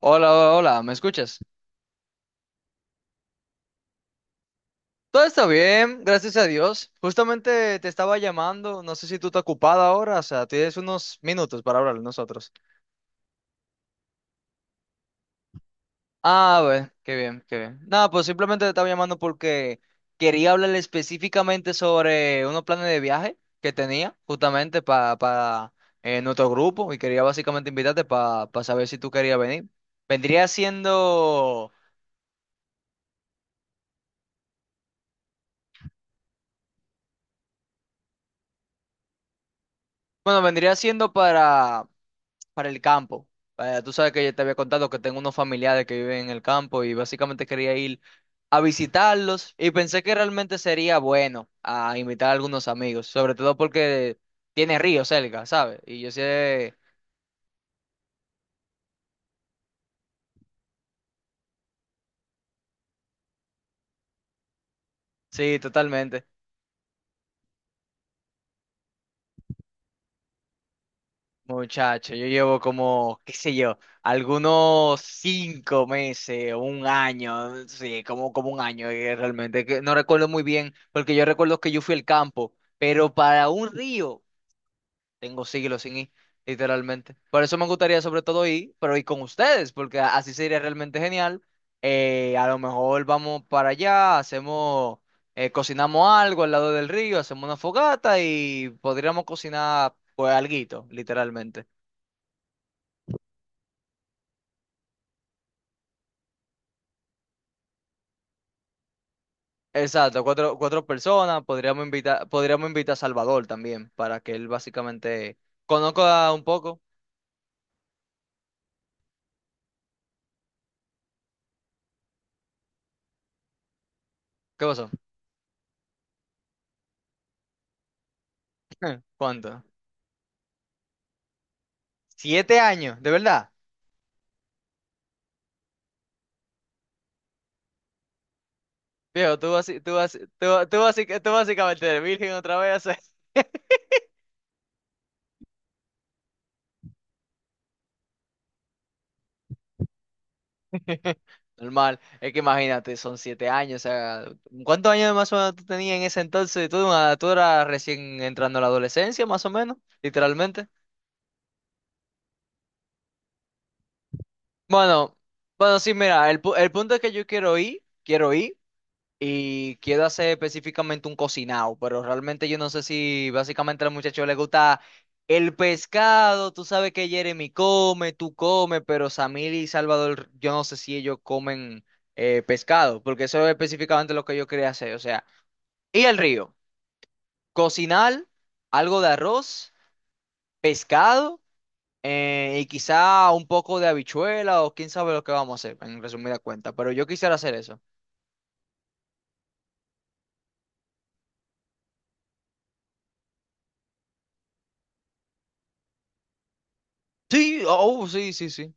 Hola, hola, hola, ¿me escuchas? Todo está bien, gracias a Dios. Justamente te estaba llamando, no sé si tú estás ocupada ahora, o sea, tienes unos minutos para hablar de nosotros. Ah, bueno, qué bien, qué bien. Nada, pues simplemente te estaba llamando porque quería hablar específicamente sobre unos planes de viaje que tenía justamente para nuestro grupo y quería básicamente invitarte para saber si tú querías venir. Vendría siendo, bueno, vendría siendo para el campo. Tú sabes que yo te había contado que tengo unos familiares que viven en el campo y básicamente quería ir a visitarlos y pensé que realmente sería bueno a invitar a algunos amigos, sobre todo porque tiene río cerca, ¿sabes? Y yo sé, sí, totalmente. Muchacho, yo llevo como, qué sé yo, algunos 5 meses, o un año, sí, como un año, realmente, que no recuerdo muy bien, porque yo recuerdo que yo fui al campo, pero para un río. Tengo siglos sin ir, literalmente. Por eso me gustaría sobre todo ir, pero ir con ustedes, porque así sería realmente genial. A lo mejor vamos para allá, cocinamos algo al lado del río, hacemos una fogata y podríamos cocinar pues alguito, literalmente. Exacto, cuatro personas, podríamos invitar a Salvador también, para que él básicamente conozca un poco. ¿Qué pasó? ¿Cuánto? ¿7 años? ¿De verdad? Viejo, tú básicamente eres virgen otra vez. Normal. Es que imagínate, son 7 años. O sea, ¿cuántos años más o menos tú tenías en ese entonces? Tú eras recién entrando a la adolescencia, más o menos, literalmente. Bueno, bueno, sí, mira, el punto es que yo quiero ir, quiero ir. Y quiero hacer específicamente un cocinado, pero realmente yo no sé si básicamente al muchacho le gusta el pescado, tú sabes que Jeremy come, tú comes, pero Samir y Salvador, yo no sé si ellos comen pescado, porque eso es específicamente lo que yo quería hacer, o sea, ir al río, cocinar algo de arroz, pescado. Y quizá un poco de habichuela o quién sabe lo que vamos a hacer, en resumida cuenta, pero yo quisiera hacer eso. Sí, oh, sí, sí, sí.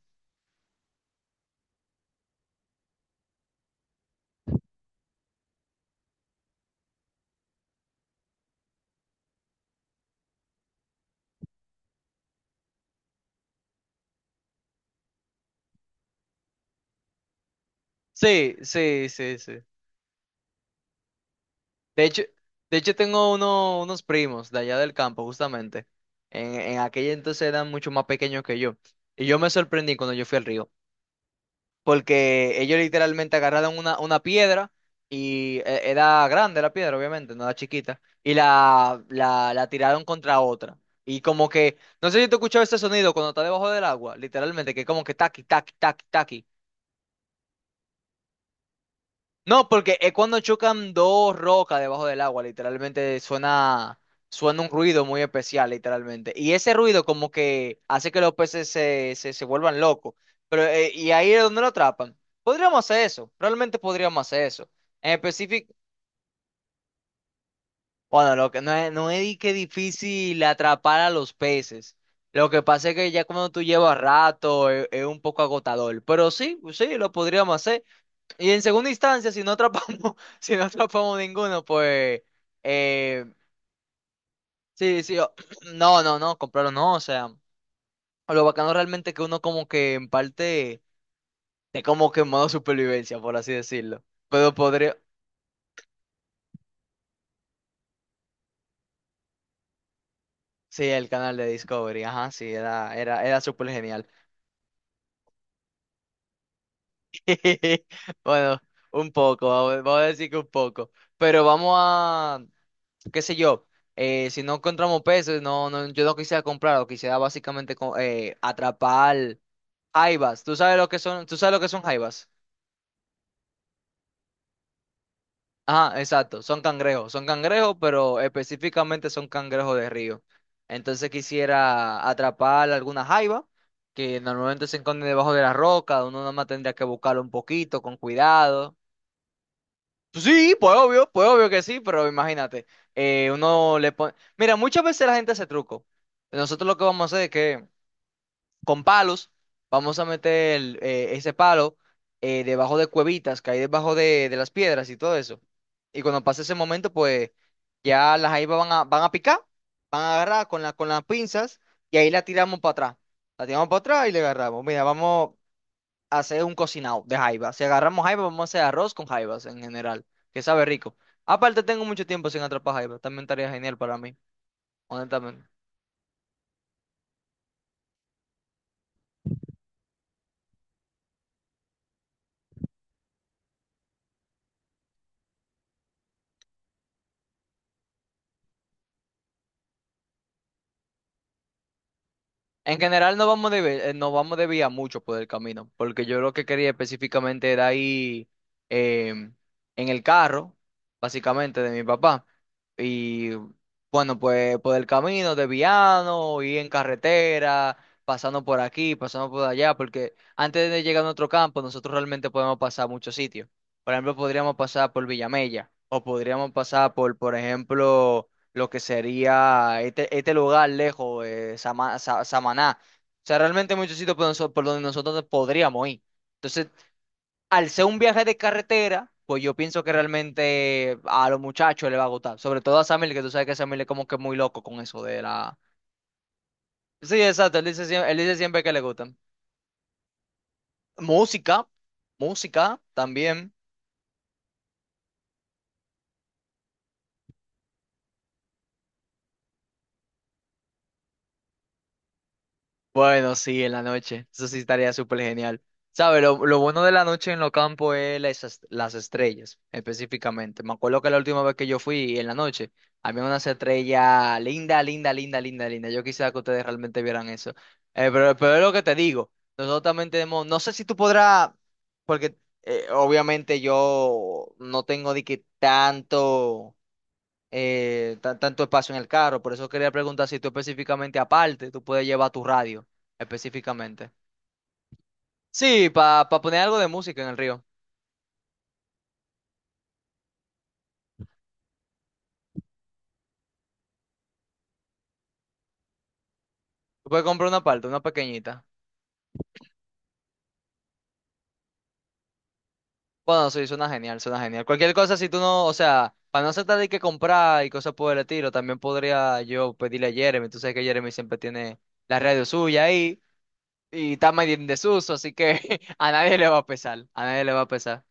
Sí, sí, sí, sí. De hecho, de hecho, tengo unos primos de allá del campo, justamente. En aquella entonces eran mucho más pequeños que yo. Y yo me sorprendí cuando yo fui al río, porque ellos literalmente agarraron una piedra y era grande la piedra, obviamente, no era chiquita, y la tiraron contra otra. Y como que, no sé si tú escuchabas ese sonido cuando está debajo del agua, literalmente, que como que taqui, taqui, taqui, taqui. No, porque es cuando chocan dos rocas debajo del agua, literalmente suena un ruido muy especial, literalmente. Y ese ruido como que hace que los peces se vuelvan locos. Y ahí es donde lo atrapan. Podríamos hacer eso, realmente podríamos hacer eso. En específico, bueno, lo que no es di que difícil atrapar a los peces. Lo que pasa es que ya cuando tú llevas rato, es un poco agotador. Pero sí, sí, lo podríamos hacer. Y en segunda instancia, si no atrapamos, si no atrapamos ninguno, pues eh, sí, sí, no, no, no, compraron no, o sea, lo bacano realmente es que uno como que en parte es como que en modo supervivencia, por así decirlo. Pero podría, sí, el canal de Discovery, ajá, sí, era súper genial. Bueno, un poco, vamos a decir que un poco. Pero vamos a, qué sé yo, si no encontramos peces, no, no, yo no quisiera comprar, lo quisiera básicamente atrapar jaivas, ¿tú sabes lo que son? ¿Tú sabes lo que son jaivas? Ajá, exacto, son cangrejos, pero específicamente son cangrejos de río. Entonces quisiera atrapar alguna jaiva que normalmente se esconde debajo de la roca, uno nada más tendría que buscarlo un poquito, con cuidado. Pues sí, pues obvio que sí, pero imagínate, uno le pone. Mira, muchas veces la gente hace truco. Nosotros lo que vamos a hacer es que con palos, vamos a meter ese palo, debajo de cuevitas que hay debajo de las piedras y todo eso. Y cuando pase ese momento, pues ya las jaivas van a picar, van a agarrar con con las pinzas y ahí la tiramos para atrás. La tiramos para atrás y le agarramos. Mira, vamos a hacer un cocinado de jaiba. Si agarramos jaiba, vamos a hacer arroz con jaivas en general, que sabe rico. Aparte, tengo mucho tiempo sin atrapar jaiba. También estaría genial para mí, honestamente. En general no vamos de vía mucho por el camino, porque yo lo que quería específicamente era ir em, en el carro, básicamente, de mi papá. Y bueno, pues por el camino, desviarnos, ir en carretera, pasando por aquí, pasando por allá, porque antes de llegar a nuestro campo, nosotros realmente podemos pasar a muchos sitios. Por ejemplo, podríamos pasar por Villamella, o podríamos pasar por ejemplo, lo que sería este, este lugar lejos, Samaná. O sea, realmente hay muchos sitios por donde nosotros podríamos ir. Entonces, al ser un viaje de carretera, pues yo pienso que realmente a los muchachos les va a gustar. Sobre todo a Samuel, que tú sabes que Samuel es como que muy loco con eso de la... Sí, exacto, él dice siempre que le gustan. Música, música también. Bueno, sí, en la noche. Eso sí estaría súper genial. ¿Sabes? Lo bueno de la noche en los campos es las estrellas, específicamente. Me acuerdo que la última vez que yo fui en la noche, había unas estrellas linda, linda, linda, linda, linda. Yo quisiera que ustedes realmente vieran eso. Pero es lo que te digo. Nosotros también tenemos, no sé si tú podrás, porque, obviamente yo no tengo de que tanto espacio en el carro. Por eso quería preguntar si tú específicamente aparte, tú puedes llevar tu radio específicamente. Sí, para poner algo de música en el río. Tú puedes comprar una parte, una pequeñita. Bueno, sí, suena genial, suena genial. Cualquier cosa, si tú no, o sea, para no tratar de que comprar y cosas por el estilo, también podría yo pedirle a Jeremy. Tú sabes que Jeremy siempre tiene la radio suya ahí y está medio en desuso, así que a nadie le va a pesar, a nadie le va a pesar.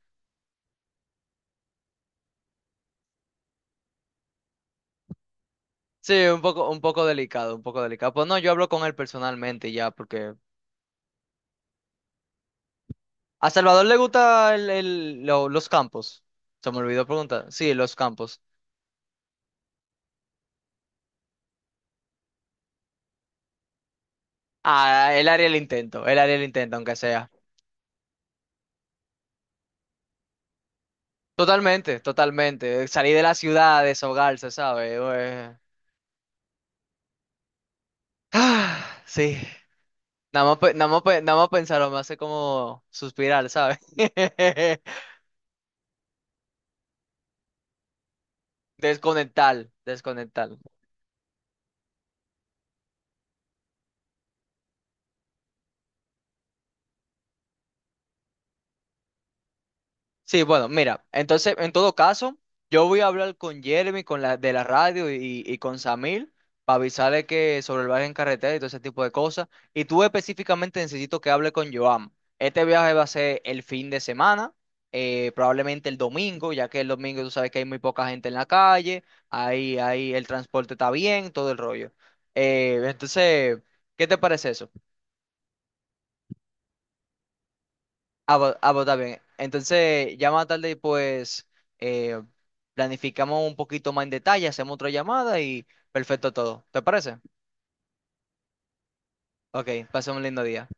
Sí, un poco delicado, un poco delicado. Pues no, yo hablo con él personalmente ya, porque a Salvador le gusta los campos. Se me olvidó preguntar. Sí, los campos. Ah, él haría el intento, él haría el intento, aunque sea. Totalmente, totalmente. Salir de la ciudad, deshogarse, ¿sabes? Sí. Nada más pensarlo me hace como suspirar, ¿sabes? Desconectar, desconectar. Sí, bueno, mira, entonces, en todo caso, yo voy a hablar con Jeremy, con la de la radio y con Samir para avisarle que sobre el viaje en carretera y todo ese tipo de cosas. Y tú específicamente necesito que hable con Joan. Este viaje va a ser el fin de semana, probablemente el domingo, ya que el domingo tú sabes que hay muy poca gente en la calle, ahí el transporte está bien, todo el rollo. Entonces, ¿qué te parece eso? Pues, está bien. Entonces, ya más tarde, pues, eh, planificamos un poquito más en detalle, hacemos otra llamada y perfecto todo. ¿Te parece? Ok, pasa un lindo día.